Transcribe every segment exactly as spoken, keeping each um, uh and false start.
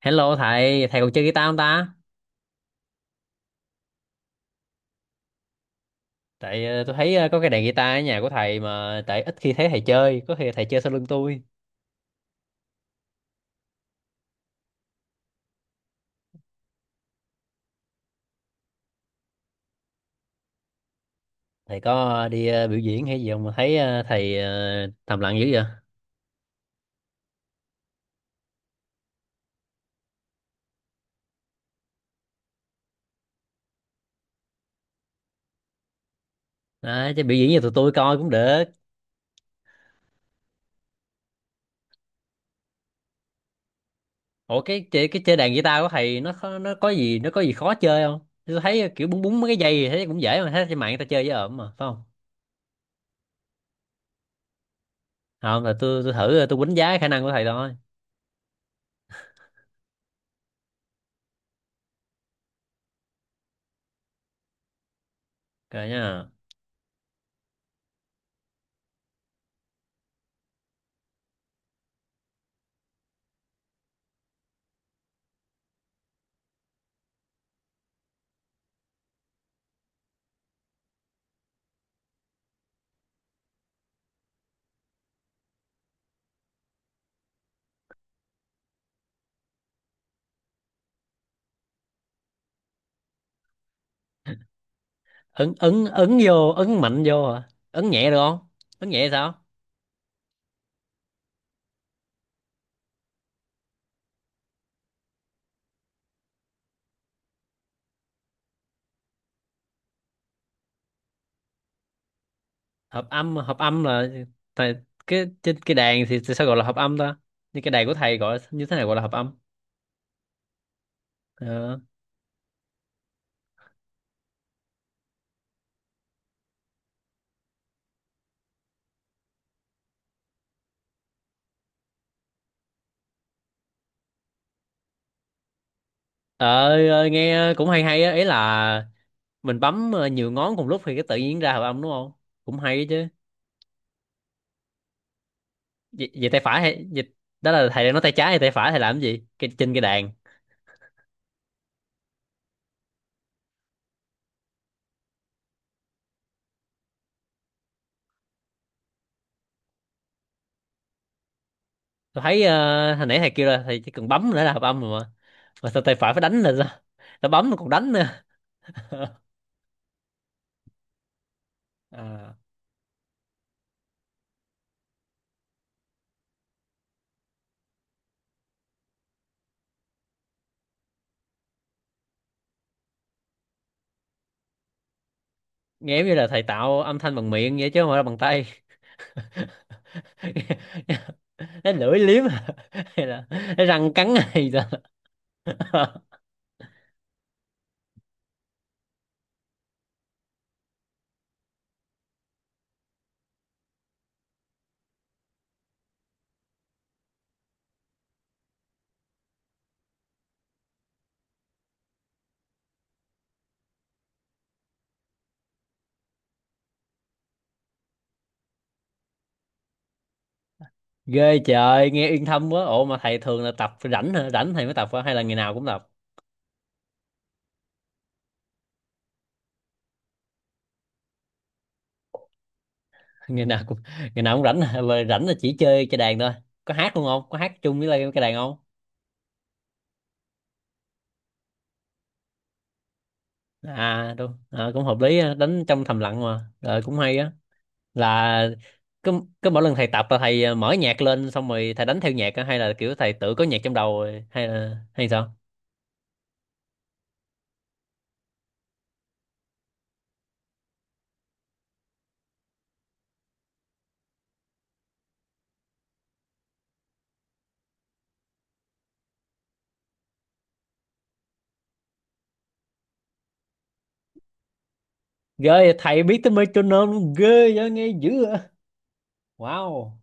Hello thầy, thầy còn chơi guitar không ta? Tại ờ, tôi thấy ờ, có cái đàn guitar ở nhà của thầy mà tại ít khi thấy thầy chơi, có khi thầy chơi sau lưng tôi. Thầy có đi ờ, biểu diễn hay gì không mà thấy ờ, thầy ờ, thầm lặng dữ vậy? Đấy, chứ biểu diễn cho tụi tôi coi cũng được. Ủa cái chơi cái chơi đàn guitar của thầy nó khó- nó có gì nó có gì khó chơi không? Tôi thấy ờ, kiểu búng búng mấy cái dây thì thấy cũng dễ mà thấy trên mạng người ta chơi với ổn mà, phải không? Không là tôi tôi thử ờ, tôi đánh giá khả năng của thầy thôi. Rồi nha. Ấn ấn ấn vô, ấn mạnh vô hả? Ấn nhẹ được không? Ấn nhẹ sao? hợp âm hợp âm là thầy, cái trên cái đàn thì, sao gọi là hợp âm ta, như cái đàn của thầy gọi như thế nào gọi là hợp âm? ờ Trời ơi, nghe cũng hay hay á, ý là mình bấm ờ, nhiều ngón cùng lúc thì cái tự nhiên ra hợp âm đúng không, cũng hay chứ. Vậy, vậy tay phải hay vậy, đó là thầy đang nói tay trái hay tay phải, thầy làm cái gì cái, trên cái đàn? Tôi thấy ờ, hồi nãy thầy kêu là thầy chỉ cần bấm nữa là hợp âm rồi mà mà sao tay phải phải đánh là sao, nó bấm nó còn đánh nữa. à, nghe giống như là thầy tạo âm thanh bằng miệng vậy chứ không phải là bằng tay. Cái lưỡi liếm hả? Hay là cái răng cắn hay sao? Ghê trời, nghe yên thâm quá. Ủa mà thầy thường là tập rảnh hả, rảnh thầy mới tập hả? Hay là ngày nào cũng tập, ngày nào cũng ngày nào cũng rảnh hả? Mà rảnh là chỉ chơi cái đàn thôi, có hát luôn không, có hát chung với lại cái đàn không? À đúng à, cũng hợp lý á, đánh trong thầm lặng mà rồi cũng hay á. Là cứ cứ mỗi lần thầy tập là thầy à, mở nhạc lên xong rồi thầy đánh theo nhạc á? Hay là kiểu thầy tự có nhạc trong đầu rồi? Hay là hay sao? Ghê, thầy biết tới metronome luôn, ghê vậy, nghe dữ vậy. Wow,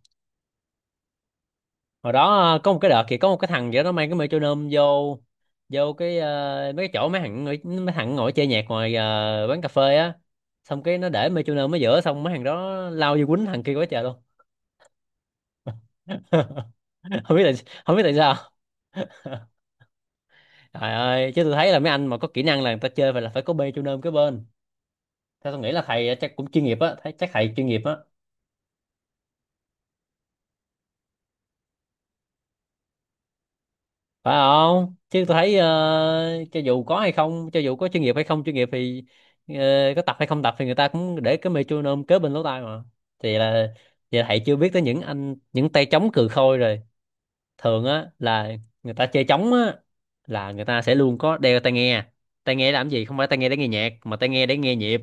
hồi đó ờ, có một cái đợt thì có một cái thằng vậy đó mang cái metronome vô vô cái ờ, mấy cái chỗ mấy thằng ngồi- mấy thằng ngồi chơi nhạc ngoài ờ, quán cà phê á, xong cái nó để metronome ở giữa, xong mấy thằng đó lao vô quýnh thằng kia quá trời luôn. Không biết tại, không biết tại sao Trời ơi, chứ tôi thấy là mấy anh mà có kỹ năng là người ta chơi phải là phải có metronome cái bên, theo tôi nghĩ là thầy chắc cũng chuyên nghiệp á, thấy chắc thầy chuyên nghiệp á. Phải không, chứ tôi thấy ờ, cho dù có hay không, cho dù có chuyên nghiệp hay không chuyên nghiệp thì ờ, có tập hay không tập thì người ta cũng để cái metronome kế bên lỗ tai mà. Thì là thì là thầy chưa biết tới những anh những tay trống cừ khôi rồi. Thường á là người ta chơi trống á là người ta sẽ luôn có đeo tai nghe, tai nghe làm gì, không phải tai nghe để nghe nhạc mà tai nghe để nghe nhịp.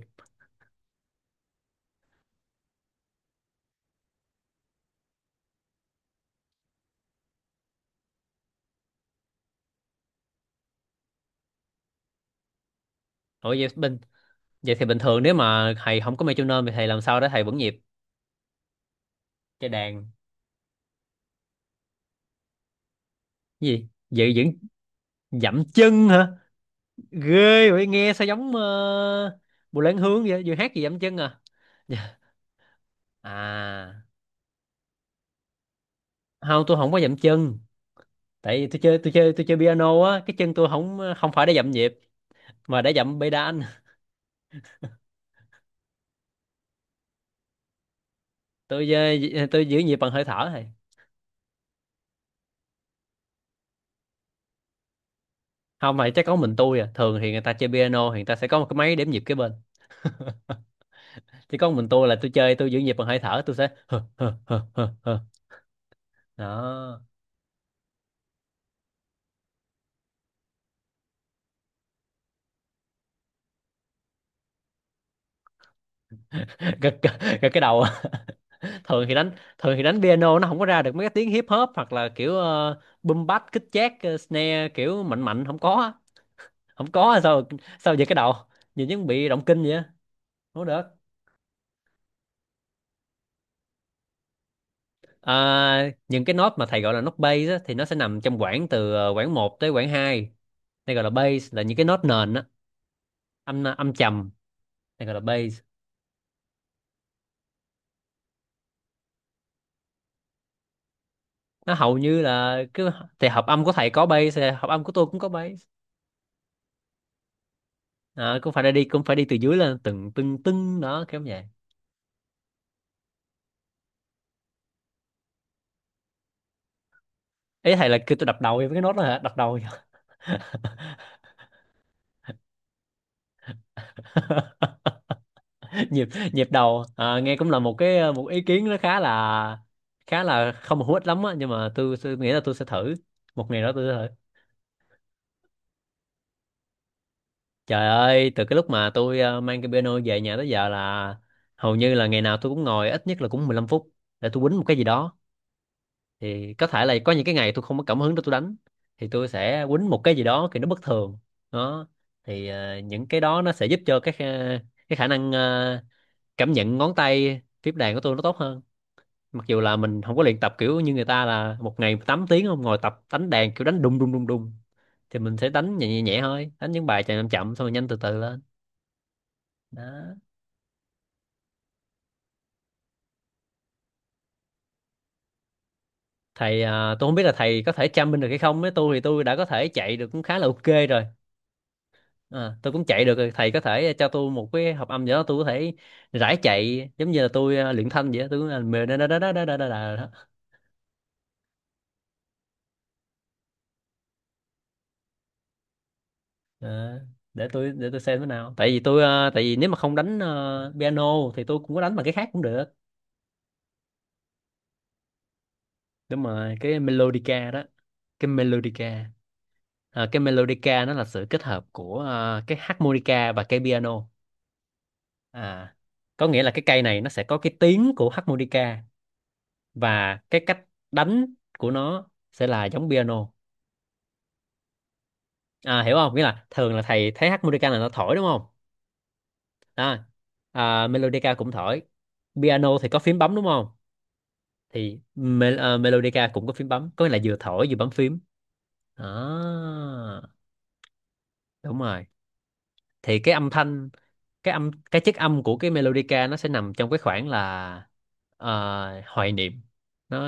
Ủa vậy bình Vậy thì bình thường nếu mà thầy không có metronome thì thầy làm sao để thầy vững nhịp chơi đàn? Cái gì giữ vững, dậm chân hả? Ghê vậy, nghe sao giống uh, Bùi Lan Hương vậy, vừa hát gì dậm chân à. Dạ. À, không, tôi không có dậm chân, tại vì tôi chơi tôi chơi tôi chơi piano á, cái chân tôi không không phải để dậm nhịp mà để dậm pedal. Tôi chơi- tôi giữ nhịp bằng hơi thở thôi. Không mà chắc có mình tôi à, thường thì người ta chơi piano thì người ta sẽ có một cái máy đếm nhịp kế bên, chỉ có mình tôi là tôi chơi tôi giữ nhịp bằng hơi thở, tôi sẽ hơ, hơ, hơ, hơ, hơ. Đó. Gật gật gật cái đầu. Thường thì đánh, thường thì đánh piano nó không có ra được mấy cái tiếng hip hop hoặc là kiểu uh, boom bap kích chát ờ, snare kiểu mạnh mạnh không có á. Không có á, sao, sao vậy cái đầu nhìn giống bị động kinh vậy á. Không có được. À, những cái nốt mà thầy gọi là nốt bass á, thì nó sẽ nằm trong quãng từ ờ, quãng một tới quãng hai, đây gọi là bass, là những cái nốt nền á, âm âm trầm, đây gọi là bass. Nó hầu như là cứ, thì hợp âm của thầy có bass thì hợp âm của tôi cũng có bass. À, cũng phải đi cũng phải đi từ dưới lên từng từng từng đó, kiểu như vậy. Ý thầy là kêu tôi đập đầu với cái nốt đó hả, đập đầu hả? Nhịp nhịp đầu à, nghe cũng là một cái ờ, một ý kiến nó khá là, khá là không hữu ích lắm á, nhưng mà tôi, tôi nghĩ là tôi sẽ thử, một ngày đó tôi sẽ thử. Trời ơi, từ cái lúc mà tôi ờ, mang cái piano về nhà tới giờ là hầu như là ngày nào tôi cũng ngồi ít nhất là cũng mười lăm phút để tôi quýnh một cái gì đó. Thì có thể là có những cái ngày tôi không có cảm hứng để tôi đánh thì tôi sẽ quýnh một cái gì đó thì nó bất thường. Đó, thì ờ, những cái đó nó sẽ giúp cho cái ờ, cái khả năng ờ, cảm nhận ngón tay tiếp đàn của tôi nó tốt hơn, mặc dù là mình không có luyện tập kiểu như người ta là một ngày tám tiếng không, ngồi tập đánh đàn kiểu đánh đùng đùng đùng đùng thì mình sẽ đánh nhẹ nhẹ, nhẹ thôi, đánh những bài chạy chậm chậm xong rồi nhanh từ từ lên. Đó. Thầy à, tôi không biết là thầy có thể chăm binh được hay không, với tôi thì tôi đã có thể chạy được cũng khá là ok rồi. À, tôi cũng chạy được rồi, thầy có thể cho tôi một cái hợp âm gì đó tôi có thể rải chạy giống như là tôi à, luyện thanh vậy đó. Tôi cũng là mề đó đó đó đó đó đó đó. Ờ, để tôi, để tôi xem thế nào, tại vì tôi ờ, tại vì nếu mà không đánh ờ, piano thì tôi cũng có đánh bằng cái khác cũng được. Đúng rồi, cái melodica đó, cái melodica. Ờ, cái melodica nó là sự kết hợp của ờ, cái harmonica và cái piano. À, có nghĩa là cái cây này nó sẽ có cái tiếng của harmonica và cái cách đánh của nó sẽ là giống piano. À, hiểu không, nghĩa là thường là thầy thấy harmonica là nó thổi đúng không, à, à melodica cũng thổi, piano thì có phím bấm đúng không, thì Mel à, Melodica cũng có phím bấm, có nghĩa là vừa thổi vừa bấm phím. Đó. Đúng rồi, thì cái âm thanh, cái âm cái chất âm của cái melodica nó sẽ nằm trong cái khoảng là ờ, hoài niệm, nó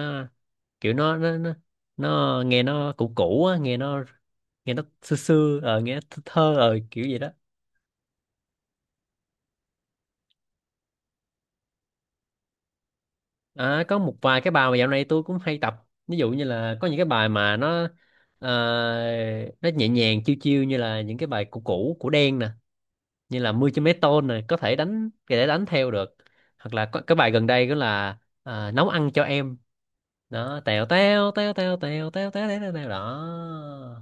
kiểu nó nó nó, nó nghe nó cũ cũ á, nghe nó, nghe nó xưa xưa ờ, nghe nó thơ thơ ờ, kiểu gì đó. À, có một vài cái bài mà dạo này tôi cũng hay tập, ví dụ như là có những cái bài mà nó ờ, nó nhẹ nhàng chiêu chiêu như là những cái bài cũ cũ của Đen, như là mười mấy tôn này có thể đánh, có thể đánh theo được, hoặc là có, cái bài gần đây đó là à, nấu ăn cho em đó, tèo tèo tèo tèo tèo tèo tèo tèo tèo tèo đó.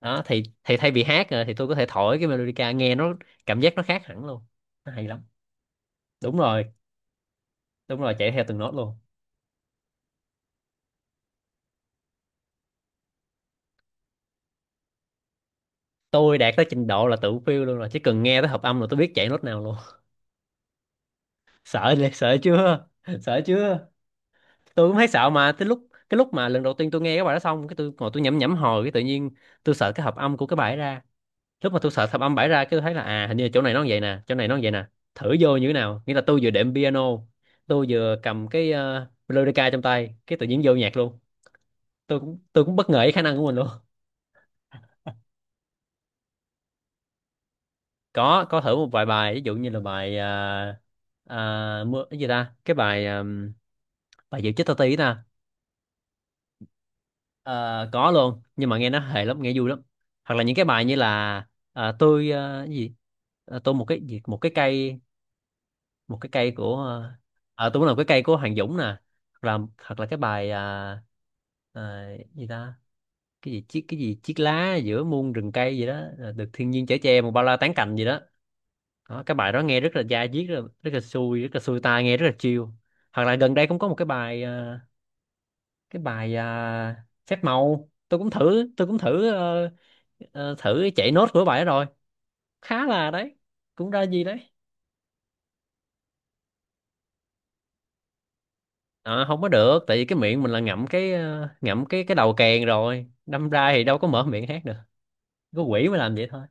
Đó thì thì thay vì hát rồi thì tôi có thể thổi cái melodica, nghe nó cảm giác nó khác hẳn luôn, nó hay lắm. Đúng rồi, đúng rồi, chạy theo từng nốt luôn. Tôi đạt tới trình độ là tự phiêu luôn rồi, chỉ cần nghe tới hợp âm là tôi biết chạy nốt nào luôn. Sợ đi, sợ chưa, sợ chưa, tôi cũng thấy sợ, mà tới lúc cái lúc mà lần đầu tiên tôi nghe cái bài đó xong cái tôi ngồi tôi nhẩm nhẩm hồi cái tự nhiên tôi sợ cái hợp âm của cái bài ấy ra, lúc mà tôi sợ hợp âm bài ra cái tôi thấy là à hình như là chỗ này nó như vậy nè, chỗ này nó như vậy nè, thử vô như thế nào, nghĩa là tôi vừa đệm piano, tôi vừa cầm cái uh, melodica trong tay cái tự nhiên vô nhạc luôn, tôi cũng tôi cũng bất ngờ với khả năng của mình luôn. có có thử một vài bài, ví dụ như là bài à, à, mưa cái gì ta, cái bài um, bài Diệu chết tao tí nè. Ờ, có luôn nhưng mà nghe nó hề lắm, nghe vui lắm, hoặc là những cái bài như là ờ, tôi ờ, cái gì, Ờ, tôi một cái gì một cái cây, một cái cây của ờ, ờ, tôi muốn làm cái cây của Hoàng Dũng nè, hoặc là, hoặc là cái bài ờ, ờ, gì ta, cái gì chiếc, cái gì chiếc lá giữa muôn rừng cây gì đó ờ, được thiên nhiên chở che một bao la tán cành gì đó. Đó, cái bài đó nghe rất là da diết, rất là, rất là xui, rất là xui tai, nghe rất là chill. Hoặc là gần đây cũng có một cái bài ờ, cái bài à, phép màu tôi cũng thử, tôi cũng thử ờ, ờ, thử chạy nốt của bài đó rồi, khá là đấy, cũng ra gì đấy. À, không có được tại vì cái miệng mình là ngậm cái ờ, ngậm cái cái đầu kèn rồi, đâm ra thì đâu có mở miệng hát được, có quỷ mới làm vậy thôi.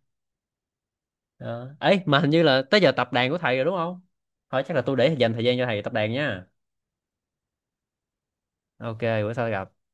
Ờ, ấy mà hình như là tới giờ tập đàn của thầy rồi đúng không, thôi chắc là tôi để dành thời gian cho thầy tập đàn nha. Ok, bữa sau gặp